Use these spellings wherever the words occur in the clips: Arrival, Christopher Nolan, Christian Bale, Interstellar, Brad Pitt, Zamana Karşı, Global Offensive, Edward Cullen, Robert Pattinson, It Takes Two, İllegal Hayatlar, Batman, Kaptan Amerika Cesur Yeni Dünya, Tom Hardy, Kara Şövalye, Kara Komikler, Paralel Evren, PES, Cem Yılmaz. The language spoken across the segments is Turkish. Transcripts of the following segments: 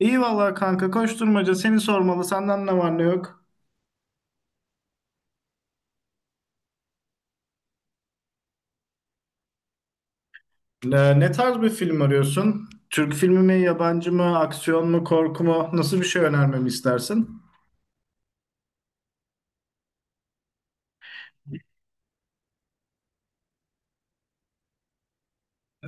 İyi vallahi kanka koşturmaca seni sormalı senden ne var ne yok. Ne tarz bir film arıyorsun? Türk filmi mi, yabancı mı, aksiyon mu, korku mu? Nasıl bir şey önermemi istersin?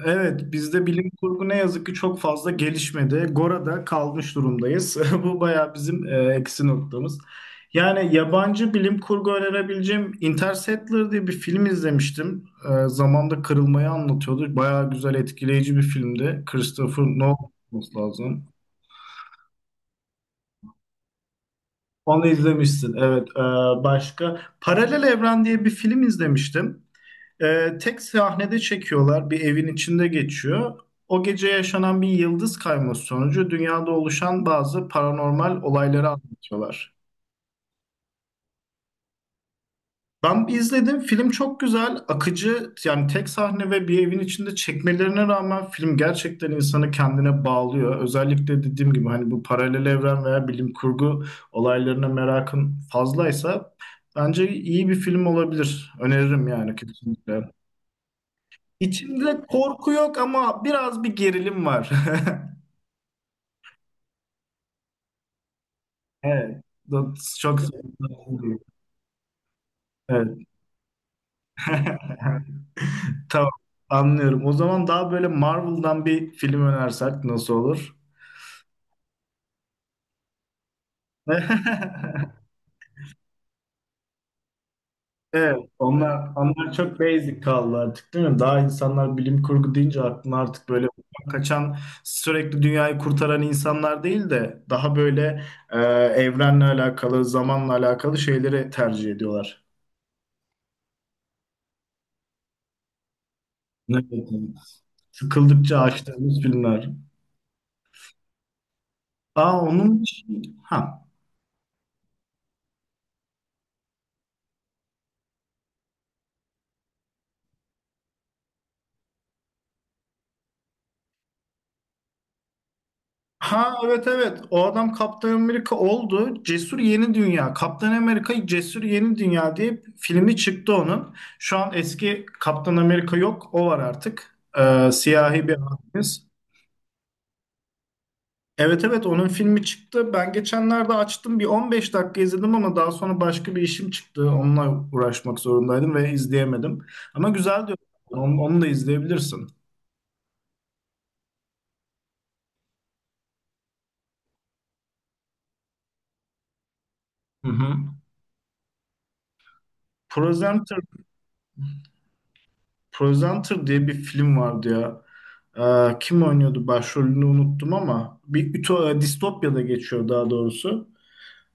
Evet, bizde bilim kurgu ne yazık ki çok fazla gelişmedi. Gora'da kalmış durumdayız. Bu bayağı bizim eksi noktamız. Yani yabancı bilim kurgu önerebileceğim Interstellar diye bir film izlemiştim. Zamanda kırılmayı anlatıyordu. Bayağı güzel, etkileyici bir filmdi. Christopher Nolan olması lazım. Onu izlemişsin. Evet. Başka Paralel Evren diye bir film izlemiştim. Tek sahnede çekiyorlar. Bir evin içinde geçiyor. O gece yaşanan bir yıldız kayması sonucu dünyada oluşan bazı paranormal olayları anlatıyorlar. Ben izledim. Film çok güzel, akıcı. Yani tek sahne ve bir evin içinde çekmelerine rağmen film gerçekten insanı kendine bağlıyor. Özellikle dediğim gibi hani bu paralel evren veya bilim kurgu olaylarına merakın fazlaysa bence iyi bir film olabilir. Öneririm yani kesinlikle. İçinde korku yok ama biraz bir gerilim var. Evet. Çok sevdim. Evet. Tamam, anlıyorum. O zaman daha böyle Marvel'dan bir film önersek nasıl olur? Evet, onlar çok basic kaldı artık değil mi? Daha insanlar bilim kurgu deyince aklına artık böyle kaçan, sürekli dünyayı kurtaran insanlar değil de daha böyle e, evrenle alakalı, zamanla alakalı şeyleri tercih ediyorlar. Evet, evet. Sıkıldıkça açtığımız filmler. Aa onun için... Ha. Ha, evet, evet, o adam Kaptan Amerika oldu. Cesur Yeni Dünya. Kaptan Amerika Cesur Yeni Dünya diye filmi çıktı onun. Şu an eski Kaptan Amerika yok, o var artık. Siyahi bir abimiz. Evet, evet, onun filmi çıktı. Ben geçenlerde açtım, bir 15 dakika izledim ama daha sonra başka bir işim çıktı. Onunla uğraşmak zorundaydım ve izleyemedim. Ama güzel diyor. Onu da izleyebilirsin. Hı hı. Presenter diye bir film vardı ya. Kim oynuyordu başrolünü unuttum ama bir ütopya, distopya'da geçiyor daha doğrusu.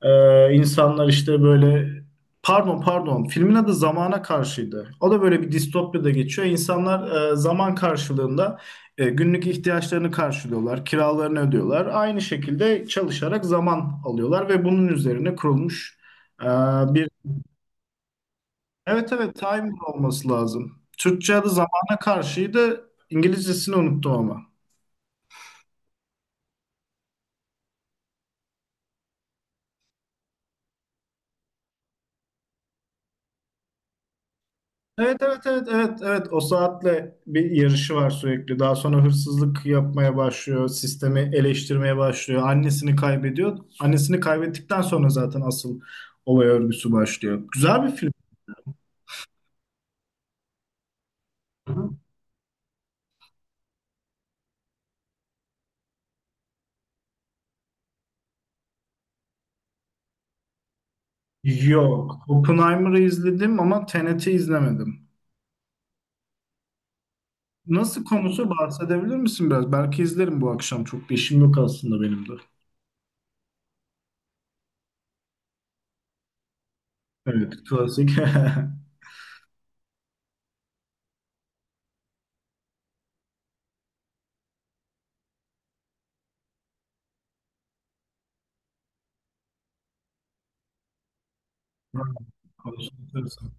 İnsanlar işte böyle pardon, pardon, filmin adı Zamana Karşıydı. O da böyle bir distopya'da geçiyor. İnsanlar zaman karşılığında günlük ihtiyaçlarını karşılıyorlar, kiralarını ödüyorlar. Aynı şekilde çalışarak zaman alıyorlar ve bunun üzerine kurulmuş e, bir... Evet, evet, Timer olması lazım. Türkçe adı zamana karşıydı. İngilizcesini unuttum ama. Evet, evet, evet, evet, evet, o saatle bir yarışı var sürekli. Daha sonra hırsızlık yapmaya başlıyor, sistemi eleştirmeye başlıyor. Annesini kaybediyor. Annesini kaybettikten sonra zaten asıl olay örgüsü başlıyor. Güzel bir film. Yok. Oppenheimer'ı izledim ama Tenet'i izlemedim. Nasıl, konusu bahsedebilir misin biraz? Belki izlerim bu akşam. Çok bir işim yok aslında benim de. Evet, klasik. Konuşuyorsun.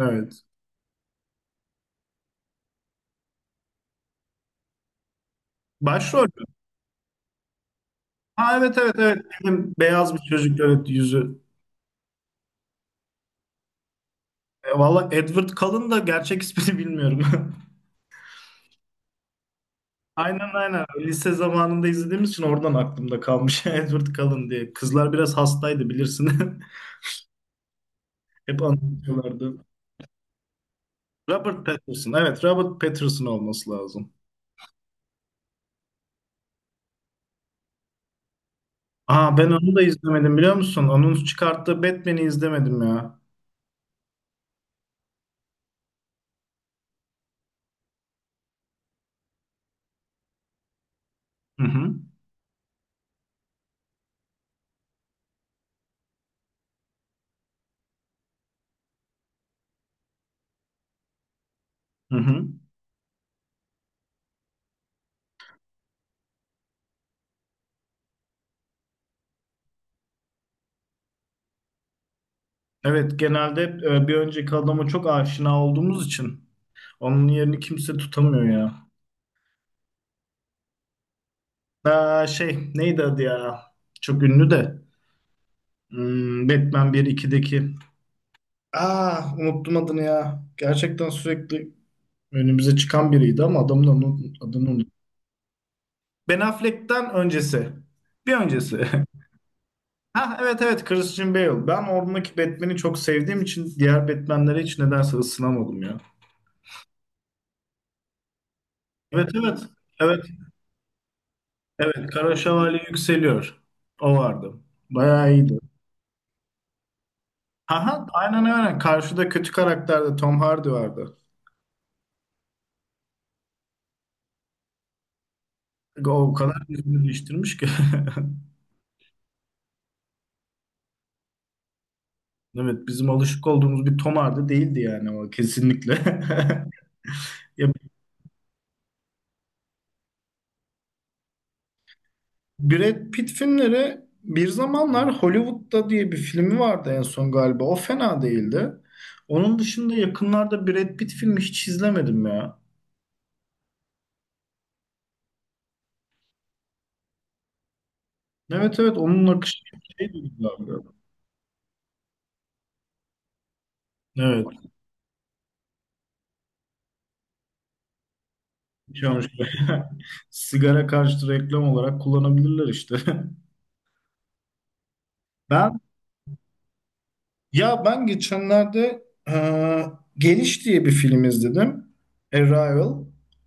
Evet. Başrol mü? Ha, evet, evet, evet. Benim beyaz bir çocuk, evet, yüzü. Valla Edward Cullen da gerçek ismini bilmiyorum. Aynen, aynen. Lise zamanında izlediğimiz için oradan aklımda kalmış Edward Cullen diye. Kızlar biraz hastaydı bilirsin. Hep anlatıyorlardı. Robert Pattinson. Evet, Robert Pattinson olması lazım. Aa, ben onu da izlemedim biliyor musun? Onun çıkarttığı Batman'i izlemedim ya. Hı hı. Hı hı. Evet, genelde hep, bir önceki adama çok aşina olduğumuz için onun yerini kimse tutamıyor ya. Aa, şey, neydi adı ya? Çok ünlü de. Batman 1-2'deki. Aa, unuttum adını ya. Gerçekten sürekli önümüze çıkan biriydi ama adamın adını unuttum. Ben Affleck'ten öncesi. Bir öncesi. Ha, evet, evet, Christian Bale. Ben oradaki Batman'i çok sevdiğim için diğer Batman'lere hiç nedense ısınamadım ya. Evet, evet. Evet, evet, Kara Şövalye yükseliyor. O vardı. Bayağı iyiydi. Aha, aynen, aynen. Karşıda kötü karakterde Tom Hardy vardı. O kadar yüzünü değiştirmiş ki. Evet, bizim alışık olduğumuz bir Tom Hardy değildi yani, o kesinlikle. Ya, Brad Pitt filmleri bir zamanlar Hollywood'da diye bir filmi vardı en son galiba. O fena değildi. Onun dışında yakınlarda Brad Pitt filmi hiç izlemedim ya. Evet, evet, onun akışı şeydi, güzeldi. Evet. Bir şey olmuş. Sigara karşıtı reklam olarak kullanabilirler işte. Ben ya ben geçenlerde e, Geliş diye bir film izledim. Arrival.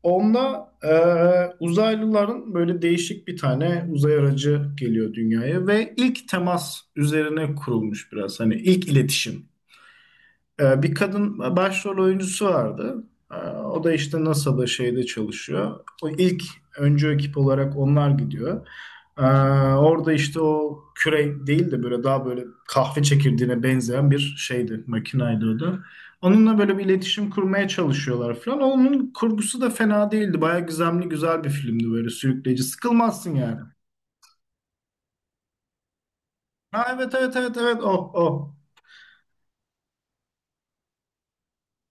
Onda uzaylıların böyle değişik bir tane uzay aracı geliyor dünyaya ve ilk temas üzerine kurulmuş biraz. Hani ilk iletişim. Bir kadın başrol oyuncusu vardı. O da işte NASA'da şeyde çalışıyor. O ilk öncü ekip olarak onlar gidiyor. Ee, Orada işte o küre değil de böyle daha böyle kahve çekirdeğine benzeyen bir şeydi, makinaydı o da. Onunla böyle bir iletişim kurmaya çalışıyorlar falan. Onun kurgusu da fena değildi. Bayağı gizemli, güzel bir filmdi böyle, sürükleyici. Sıkılmazsın yani. Ha, evet, evet, evet, evet, oh, oh.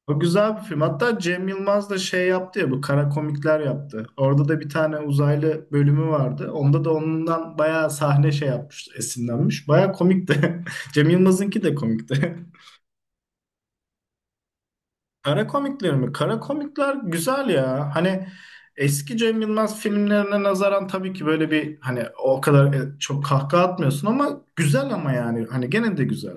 O güzel bir film. Hatta Cem Yılmaz da şey yaptı ya, bu kara komikler yaptı. Orada da bir tane uzaylı bölümü vardı. Onda da ondan bayağı sahne şey yapmış, esinlenmiş. Bayağı komikti. Cem Yılmaz'ınki de komikti. Kara komikler mi? Kara komikler güzel ya. Hani eski Cem Yılmaz filmlerine nazaran tabii ki böyle bir, hani o kadar çok kahkaha atmıyorsun ama güzel, ama yani hani gene de güzel.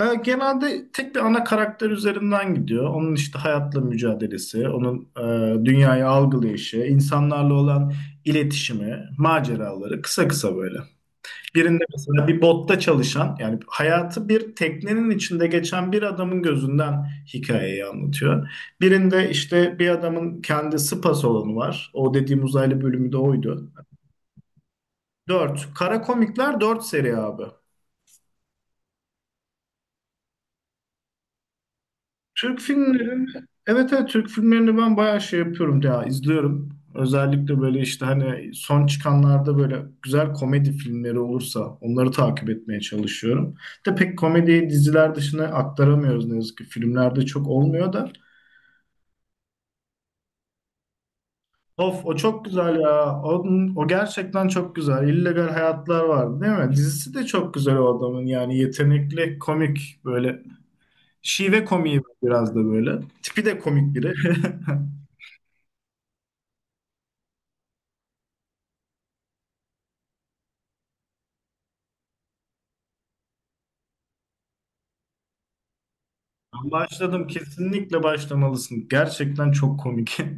Genelde tek bir ana karakter üzerinden gidiyor. Onun işte hayatla mücadelesi, onun dünyayı algılayışı, insanlarla olan iletişimi, maceraları kısa kısa böyle. Birinde mesela bir botta çalışan, yani hayatı bir teknenin içinde geçen bir adamın gözünden hikayeyi anlatıyor. Birinde işte bir adamın kendi spa salonu var. O dediğim uzaylı bölümü de oydu. Dört. Kara Komikler dört seri abi. Türk filmleri, evet, evet, Türk filmlerini ben bayağı şey yapıyorum ya, izliyorum. Özellikle böyle işte hani son çıkanlarda böyle güzel komedi filmleri olursa onları takip etmeye çalışıyorum. De pek komediyi diziler dışına aktaramıyoruz ne yazık ki. Filmlerde çok olmuyor da. Of, o çok güzel ya. O gerçekten çok güzel. İllegal Hayatlar vardı değil mi? Dizisi de çok güzel o adamın, yani yetenekli komik böyle. Şive komiği biraz da böyle. Tipi de komik biri. Ben başladım. Kesinlikle başlamalısın. Gerçekten çok komik.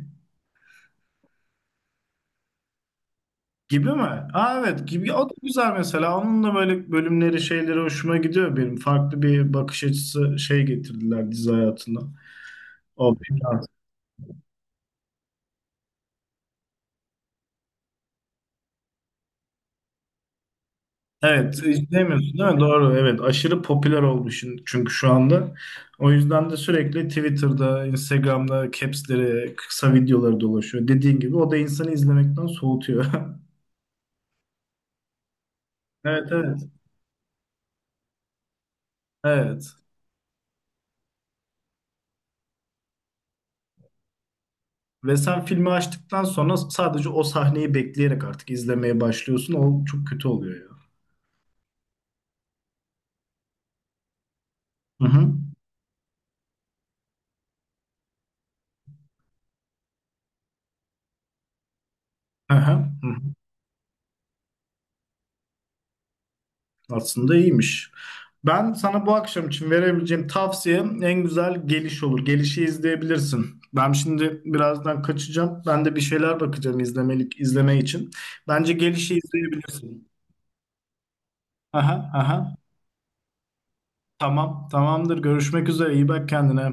Gibi mi? Aa, evet, gibi. O da güzel mesela. Onun da böyle bölümleri, şeyleri hoşuma gidiyor benim. Farklı bir bakış açısı şey getirdiler dizi hayatına. O biraz. Evet, izlemiyorsun değil mi? Doğru, evet. Aşırı popüler oldu şimdi çünkü şu anda. O yüzden de sürekli Twitter'da, Instagram'da caps'leri, kısa videoları dolaşıyor. Dediğin gibi o da insanı izlemekten soğutuyor. Evet, evet. Evet. Ve sen filmi açtıktan sonra sadece o sahneyi bekleyerek artık izlemeye başlıyorsun. O çok kötü oluyor ya. Hı hı. Hı hı. Hı hı. Aslında iyiymiş. Ben sana bu akşam için verebileceğim tavsiyem en güzel geliş olur. Gelişi izleyebilirsin. Ben şimdi birazdan kaçacağım. Ben de bir şeyler bakacağım izlemelik, izleme için. Bence gelişi izleyebilirsin. Aha, aha. Tamam, tamamdır. Görüşmek üzere. İyi bak kendine.